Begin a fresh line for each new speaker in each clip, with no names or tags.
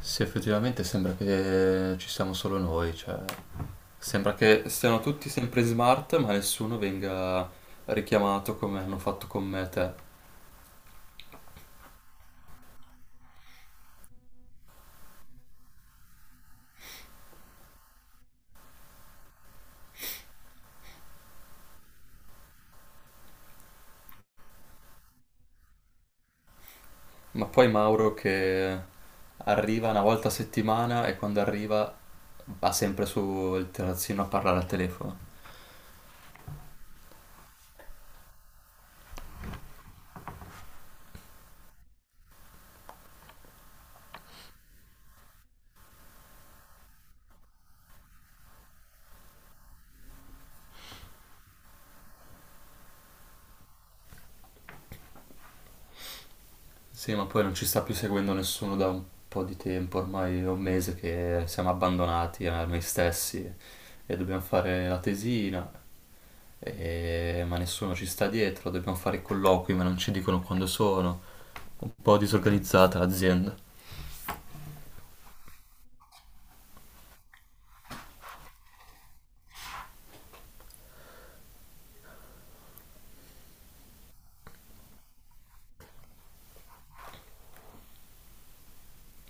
Sì, effettivamente sembra che ci siamo solo noi, cioè sembra che siano tutti sempre smart, ma nessuno venga richiamato come hanno fatto con me e te. Ma poi Mauro che arriva una volta a settimana e quando arriva va sempre sul terrazzino a parlare al telefono. Sì, ma poi non ci sta più seguendo nessuno da un po' di tempo, ormai è un mese che siamo abbandonati a noi stessi e dobbiamo fare la tesina, ma nessuno ci sta dietro, dobbiamo fare i colloqui, ma non ci dicono quando sono. Un po' disorganizzata l'azienda.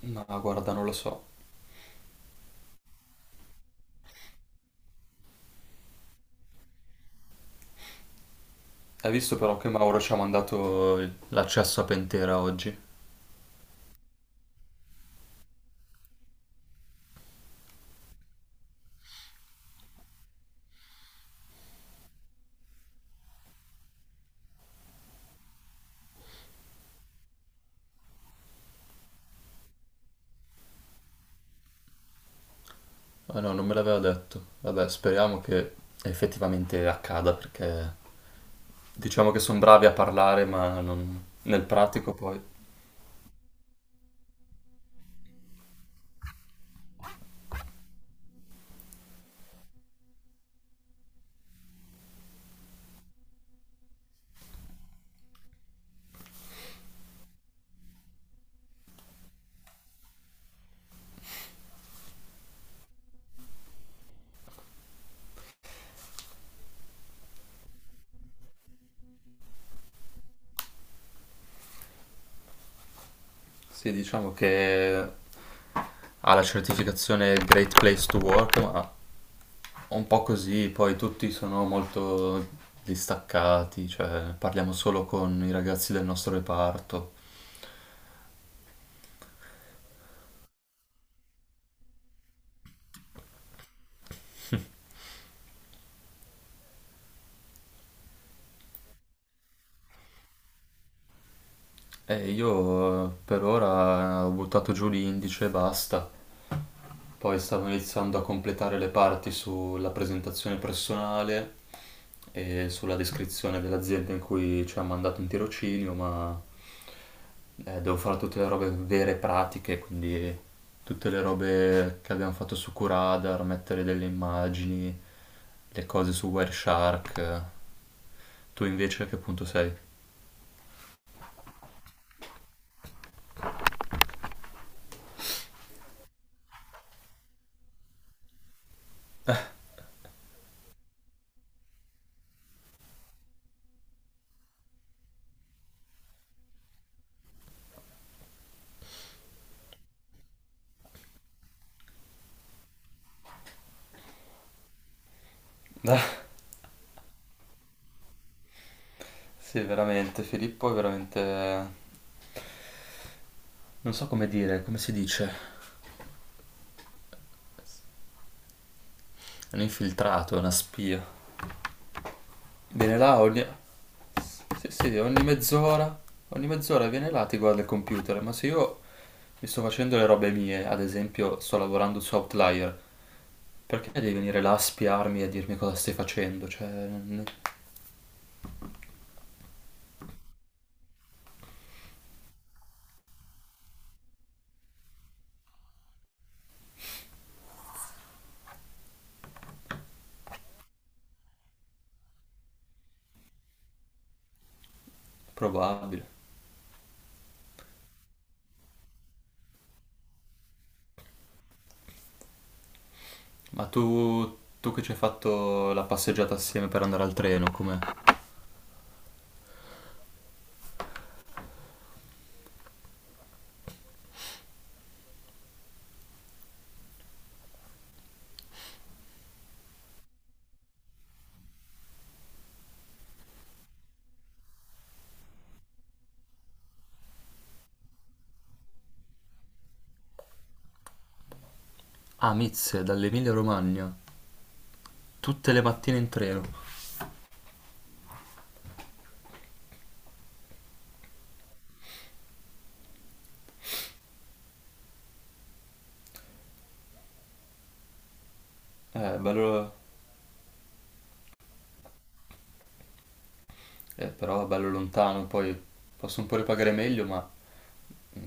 Ma guarda, non lo so. Hai visto però che Mauro ci ha mandato l'accesso a Pentera oggi? Ah no, non me l'aveva detto. Vabbè, speriamo che effettivamente accada perché diciamo che sono bravi a parlare, nel pratico poi sì, diciamo che ha la certificazione Great Place to Work, ma un po' così, poi tutti sono molto distaccati, cioè parliamo solo con i ragazzi del nostro reparto. E io per ora ho buttato giù l'indice e basta. Poi stavo iniziando a completare le parti sulla presentazione personale e sulla descrizione dell'azienda in cui ci ha mandato in tirocinio, ma devo fare tutte le robe vere e pratiche, quindi tutte le robe che abbiamo fatto su Curadar, mettere delle immagini, le cose su Wireshark. Tu invece a che punto sei? Sì, veramente, Filippo è veramente... non so come dire, come si dice? È un infiltrato, è una spia. Viene là ogni... Sì, sì, ogni mezz'ora viene là, ti guarda il computer, ma se io mi sto facendo le robe mie, ad esempio sto lavorando su Outlier, perché devi venire là a spiarmi e a dirmi cosa stai facendo? Cioè, probabile. Ma tu, tu che ci hai fatto la passeggiata assieme per andare al treno, com'è? Ah, Mizze, dall'Emilia Romagna, tutte le mattine in treno. Bello, però bello lontano, poi posso un po' ripagare meglio, ma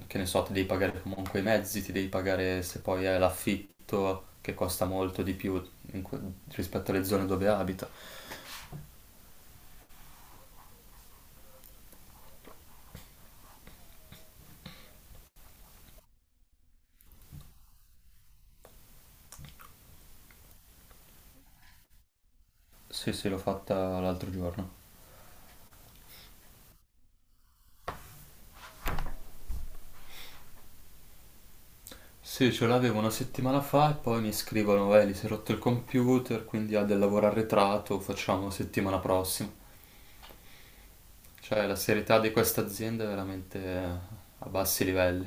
che ne so, ti devi pagare comunque i mezzi, ti devi pagare se poi è l'affitto che costa molto di più in que- rispetto alle zone dove abita. Sì, sì, l'ho fatta l'altro giorno. Sì, ce l'avevo una settimana fa e poi mi scrivono, gli si è rotto il computer, quindi ha del lavoro arretrato, facciamo settimana prossima. Cioè, la serietà di questa azienda è veramente a bassi livelli.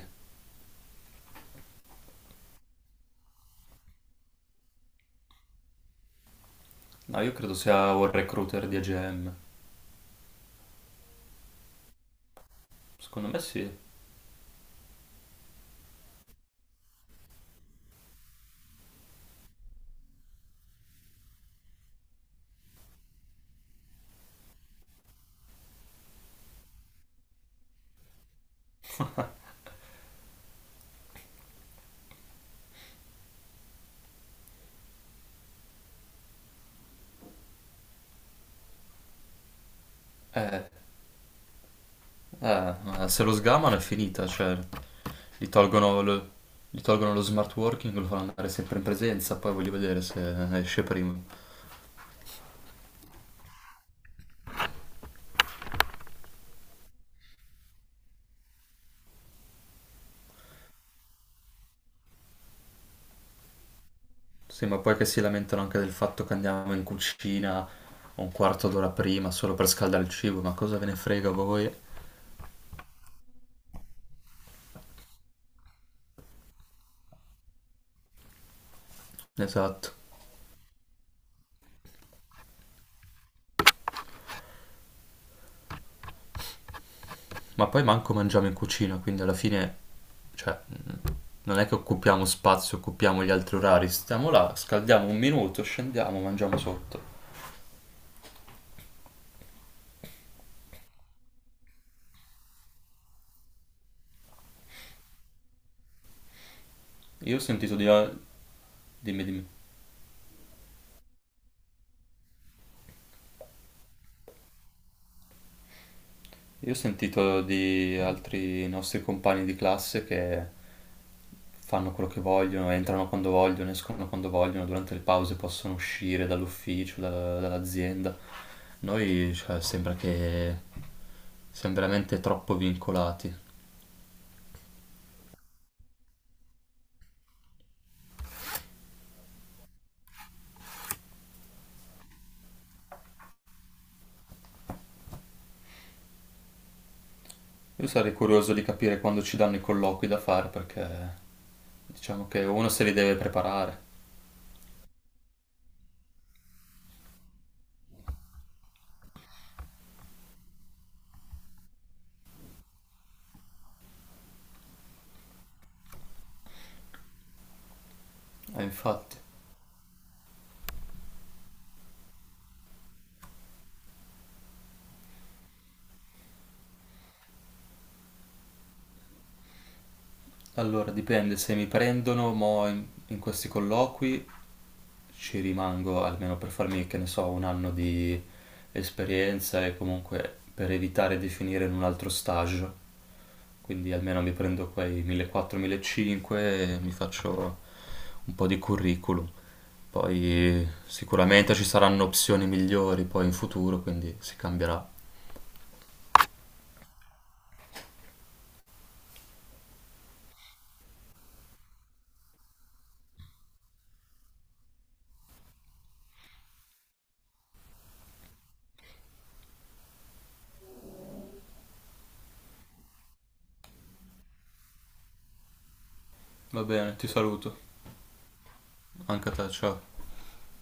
No, io credo sia un recruiter di AGM. Secondo me sì. Eh, Eh, ma se lo sgamano è finita, cioè gli tolgono lo, gli tolgono lo smart working, lo fanno andare sempre in presenza, poi voglio vedere se esce prima. Sì, ma poi che si lamentano anche del fatto che andiamo in cucina un quarto d'ora prima solo per scaldare il cibo, ma cosa ve ne frega a voi? Esatto. Ma poi manco mangiamo in cucina, quindi alla fine, cioè, non è che occupiamo spazio, occupiamo gli altri orari, stiamo là, scaldiamo un minuto, scendiamo, mangiamo sotto. Io ho sentito di... Dimmi, dimmi. Io ho sentito di altri nostri compagni di classe che fanno quello che vogliono, entrano quando vogliono, escono quando vogliono, durante le pause possono uscire dall'ufficio, dall'azienda. Noi, cioè, sembra che siamo veramente troppo vincolati. Io sarei curioso di capire quando ci danno i colloqui da fare perché diciamo che uno se li deve preparare. Infatti. Allora, dipende, se mi prendono mo in questi colloqui ci rimango almeno per farmi, che ne so, un anno di esperienza e comunque per evitare di finire in un altro stage. Quindi almeno mi prendo quei 1400-1500 e mi faccio un po' di curriculum. Poi sicuramente ci saranno opzioni migliori poi in futuro, quindi si cambierà. Va bene, ti saluto. Anche a te, ciao.